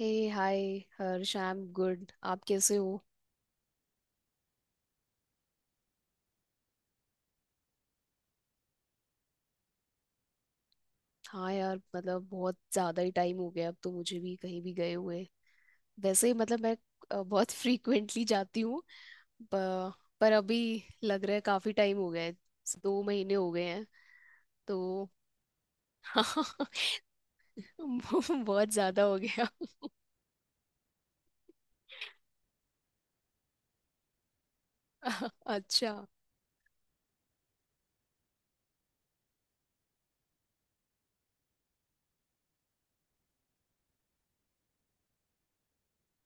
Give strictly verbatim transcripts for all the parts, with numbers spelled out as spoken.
Hey hi. Harsh, I am good. आप कैसे हो? हाँ यार, मतलब बहुत ज़्यादा ही टाइम हो गया अब तो मुझे भी कहीं भी गए हुए। वैसे मतलब मैं अ, बहुत फ्रीक्वेंटली जाती हूँ। प- पर अभी लग रहा है काफ़ी टाइम हो गया है। दो महीने हो गए हैं। तो हाँ, बहुत ज़्यादा हो गया। अच्छा।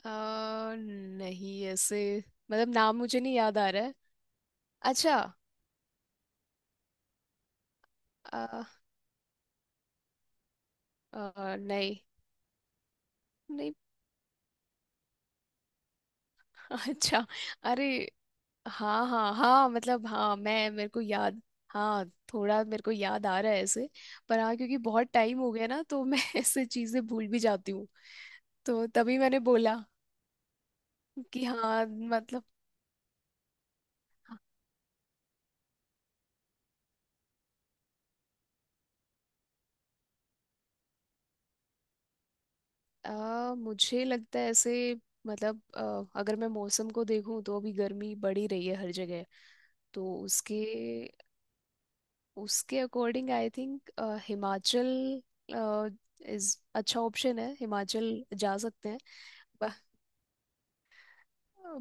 अ, नहीं ऐसे मतलब नाम मुझे नहीं याद आ रहा है। अच्छा। अ, अ, नहीं नहीं। अच्छा। अरे हाँ हाँ हाँ, मतलब हाँ मैं मेरे को याद। हाँ, थोड़ा मेरे को याद आ रहा है ऐसे। पर हाँ, क्योंकि बहुत टाइम हो गया ना तो मैं ऐसे चीजें भूल भी जाती हूँ। तो तभी मैंने बोला कि हाँ मतलब। आ, मुझे लगता है ऐसे मतलब अ, अगर मैं मौसम को देखूं तो अभी गर्मी बढ़ी रही है हर जगह। तो उसके उसके according I think Himachal is अच्छा ऑप्शन है। हिमाचल जा सकते हैं।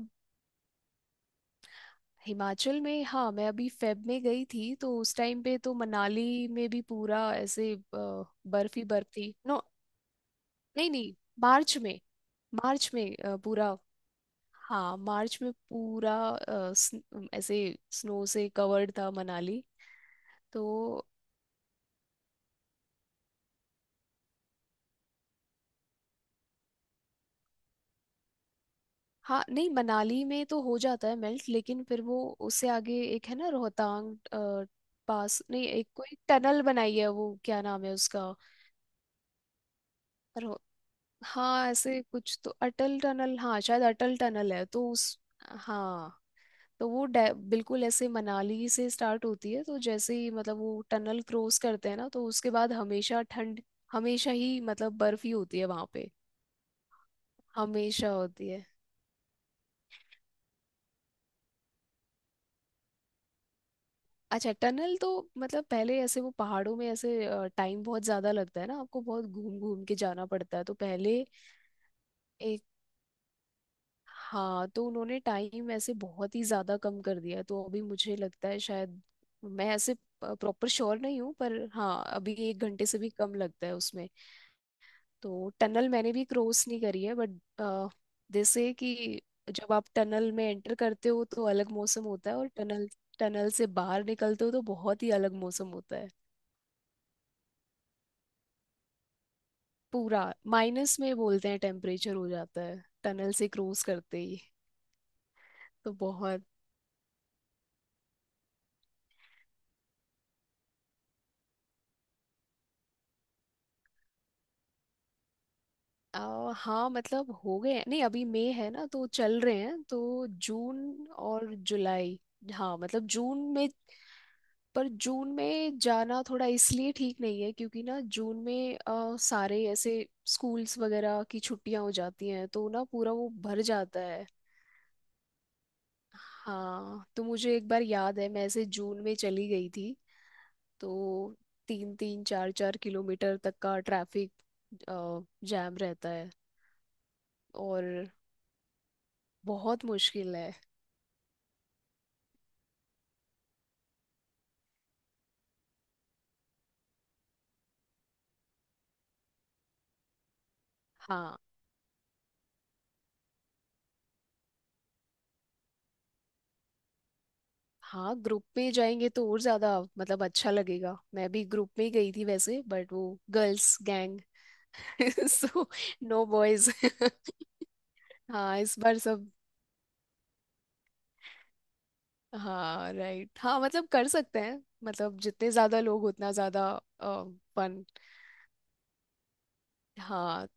हिमाचल में हाँ मैं अभी फेब में गई थी तो उस टाइम पे तो मनाली में भी पूरा ऐसे अ, बर्फ ही बर्फ थी नो। नहीं नहीं, मार्च में। मार्च में अ, पूरा हाँ मार्च में पूरा अ, स्न- ऐसे स्नो से कवर्ड था मनाली। तो हाँ। नहीं, मनाली में तो हो जाता है मेल्ट, लेकिन फिर वो उससे आगे एक है ना रोहतांग अ, पास नहीं, एक कोई टनल बनाई है वो क्या नाम है उसका। हाँ ऐसे कुछ तो अटल टनल, हाँ शायद अटल टनल है तो उस हाँ। तो वो डै- बिल्कुल ऐसे मनाली से स्टार्ट होती है तो जैसे ही मतलब वो टनल क्रॉस करते हैं ना तो उसके बाद हमेशा ठंड। हमेशा ही मतलब बर्फ ही होती है वहां पे। हमेशा होती है। अच्छा, टनल तो मतलब पहले ऐसे वो पहाड़ों में ऐसे टाइम बहुत ज्यादा लगता है ना, आपको बहुत घूम घूम के जाना पड़ता है तो पहले एक। हाँ तो उन्होंने टाइम ऐसे बहुत ही ज्यादा कम कर दिया है, तो अभी मुझे लगता है शायद, मैं ऐसे प्रॉपर श्योर नहीं हूँ पर हाँ अभी एक घंटे से भी कम लगता है उसमें। तो टनल मैंने भी क्रॉस नहीं करी है बट जैसे कि जब आप टनल में एंटर करते हो तो अलग मौसम होता है और टनल टनल से बाहर निकलते हो तो बहुत ही अलग मौसम होता है। पूरा माइनस में बोलते हैं टेम्परेचर हो जाता है टनल से क्रॉस करते ही। तो बहुत। आ, हाँ मतलब हो गए हैं, नहीं अभी मई है ना तो चल रहे हैं, तो जून और जुलाई। हाँ मतलब जून में। पर जून में जाना थोड़ा इसलिए ठीक नहीं है क्योंकि ना जून में आ, सारे ऐसे स्कूल्स वगैरह की छुट्टियां हो जाती हैं तो ना पूरा वो भर जाता है। हाँ तो मुझे एक बार याद है मैं ऐसे जून में चली गई थी। तो तीन तीन चार चार किलोमीटर तक का ट्रैफिक जैम रहता है और बहुत मुश्किल है। हाँ हाँ, ग्रुप में जाएंगे तो और ज्यादा मतलब अच्छा लगेगा। मैं भी ग्रुप में ही गई थी वैसे बट वो गर्ल्स गैंग सो नो बॉयज। हाँ इस बार सब। हाँ राइट, हाँ मतलब कर सकते हैं, मतलब जितने ज्यादा लोग उतना ज्यादा फन। हाँ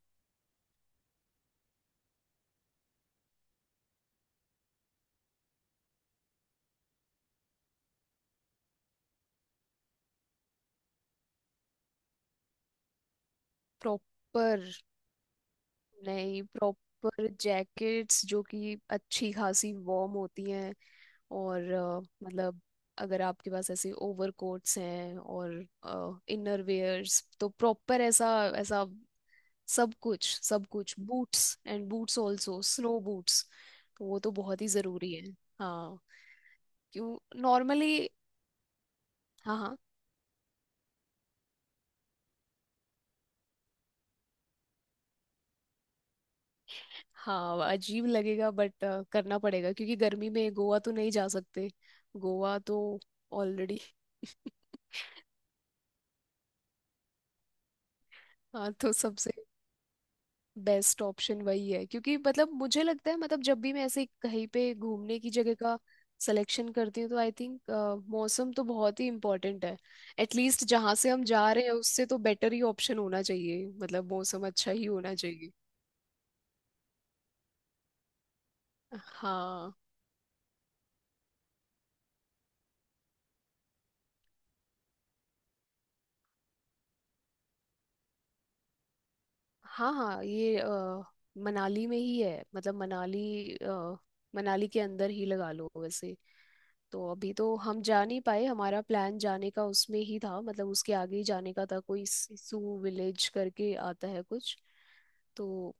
प्रॉपर। नहीं, प्रॉपर जैकेट्स जो कि अच्छी खासी वार्म होती हैं। और अ, मतलब अगर आपके पास ऐसे ओवर कोट्स हैं और इनर वेयर्स तो प्रॉपर ऐसा, ऐसा सब कुछ, सब कुछ boots and boots also snow boots. तो वो तो बहुत ही ज़रूरी है। हाँ क्यों नॉर्मली। हाँ हाँ हाँ, अजीब लगेगा बट करना पड़ेगा क्योंकि गर्मी में गोवा तो नहीं जा सकते। गोवा तो ऑलरेडी। हाँ तो सबसे बेस्ट ऑप्शन वही है क्योंकि मतलब मुझे लगता है मतलब जब भी मैं ऐसे कहीं पे घूमने की जगह का सिलेक्शन करती हूँ तो आई थिंक मौसम तो बहुत ही इम्पोर्टेंट है। एटलीस्ट जहाँ से हम जा रहे हैं उससे तो बेटर ही ऑप्शन होना चाहिए, मतलब मौसम अच्छा ही होना चाहिए। हाँ हाँ हाँ ये अ, मनाली में ही है मतलब मनाली अ, मनाली के अंदर ही लगा लो वैसे। तो अभी तो हम जा नहीं पाए, हमारा प्लान जाने का उसमें ही था मतलब उसके आगे ही जाने का था, कोई सिसु विलेज करके आता है कुछ। तो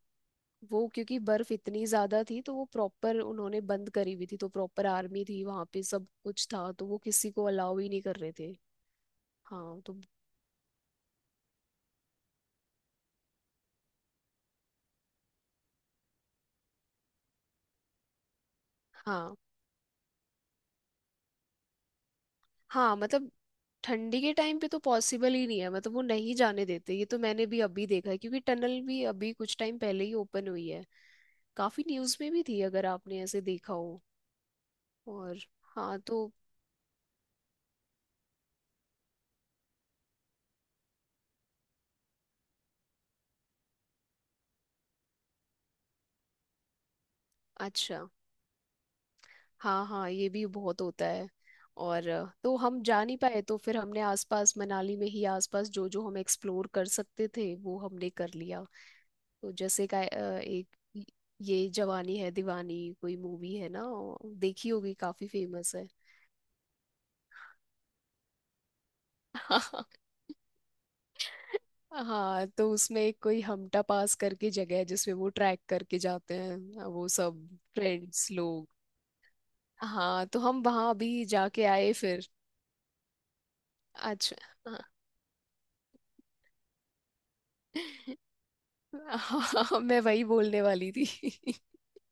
वो क्योंकि बर्फ इतनी ज्यादा थी तो वो प्रॉपर उन्होंने बंद करी हुई थी, तो प्रॉपर आर्मी थी वहां पे सब कुछ था, तो वो किसी को अलाउ ही नहीं कर रहे थे। हाँ तो। हाँ हाँ मतलब ठंडी के टाइम पे तो पॉसिबल ही नहीं है मतलब वो नहीं जाने देते, ये तो मैंने भी अभी देखा है क्योंकि टनल भी अभी कुछ टाइम पहले ही ओपन हुई है। काफी न्यूज में भी थी अगर आपने ऐसे देखा हो। और हाँ तो अच्छा, हाँ हाँ ये भी बहुत होता है। और अ, तो हम जा नहीं पाए तो फिर हमने आसपास मनाली में ही आसपास जो जो हम एक्सप्लोर कर सकते थे वो हमने कर लिया। तो जैसे का अ, एक य- ये जवानी है दीवानी कोई मूवी है ना, ओ, देखी होगी, काफी फेमस है। हाँ तो उसमें एक कोई हमटा पास करके जगह है जिसमें वो ट्रैक करके जाते हैं अ, वो सब फ्रेंड्स लोग। हाँ तो हम वहां भी जाके आए फिर। अच्छा। हाँ मैं वही बोलने वाली थी।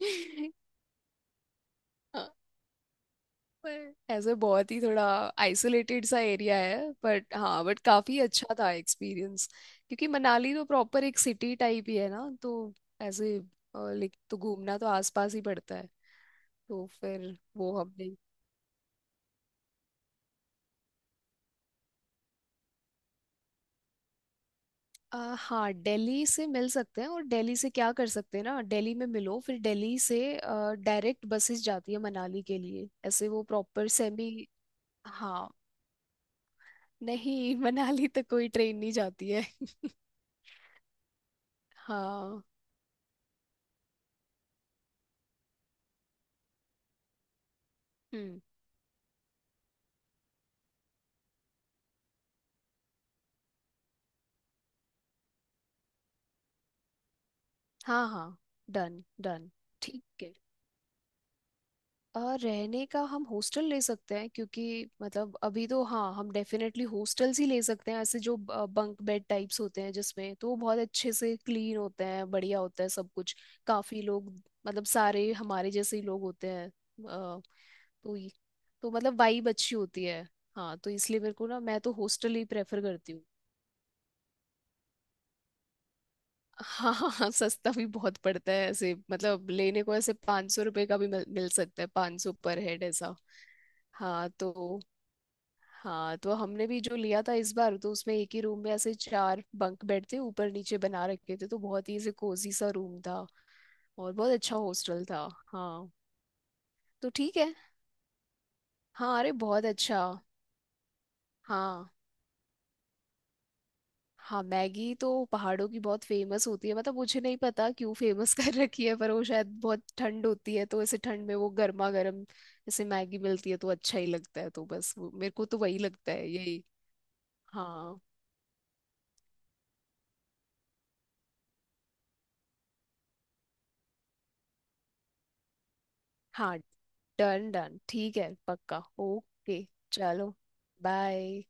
हाँ, पर ऐसे बहुत ही थोड़ा आइसोलेटेड सा एरिया है बट हाँ, बट काफी अच्छा था एक्सपीरियंस, क्योंकि मनाली तो प्रॉपर एक सिटी टाइप ही है ना तो ऐसे लाइक तो घूमना तो आसपास ही पड़ता है। तो फिर वो हमने। आ, हाँ दिल्ली से मिल सकते हैं और दिल्ली से क्या कर सकते हैं ना दिल्ली में मिलो फिर दिल्ली से डायरेक्ट बसेस जाती है मनाली के लिए ऐसे वो प्रॉपर सेमी। हाँ, नहीं मनाली तो कोई ट्रेन नहीं जाती है। हाँ। हम्म। हाँ हाँ डन डन ठीक है। और रहने का हम हॉस्टल ले सकते हैं क्योंकि मतलब अभी तो हाँ हम डेफिनेटली हॉस्टल्स ही ले सकते हैं, ऐसे जो बंक बेड टाइप्स होते हैं जिसमें, तो वो बहुत अच्छे से क्लीन होते हैं, बढ़िया होता है सब कुछ। काफी लोग मतलब सारे हमारे जैसे ही लोग होते हैं अ, तो ये- तो मतलब वाइब अच्छी होती है। हाँ तो इसलिए मेरे को ना मैं तो हॉस्टल ही प्रेफर करती हूँ। हाँ हाँ हाँ, सस्ता भी बहुत पड़ता है ऐसे मतलब लेने को, ऐसे पाँच सौ रुपये का भी मिल, मिल सकता है, पाँच सौ पर हेड ऐसा। हाँ तो। हाँ तो हमने भी जो लिया था इस बार तो उसमें एक ही रूम में ऐसे चार बंक बेड थे ऊपर नीचे बना रखे थे, तो बहुत ही ऐसे कोजी सा रूम था और बहुत अच्छा हॉस्टल था। हाँ तो ठीक है। हाँ अरे बहुत अच्छा। हाँ हाँ, मैगी तो पहाड़ों की बहुत फेमस होती है, मतलब मुझे नहीं पता क्यों फेमस कर रखी है, पर वो शायद बहुत ठंड होती है तो ऐसे ठंड में वो गर्मा गर्म जैसे मैगी मिलती है तो अच्छा ही लगता है, तो बस वो- मेरे को तो वही लगता है यही। हाँ हाँ, डन डन ठीक है पक्का, ओके। चलो, बाय।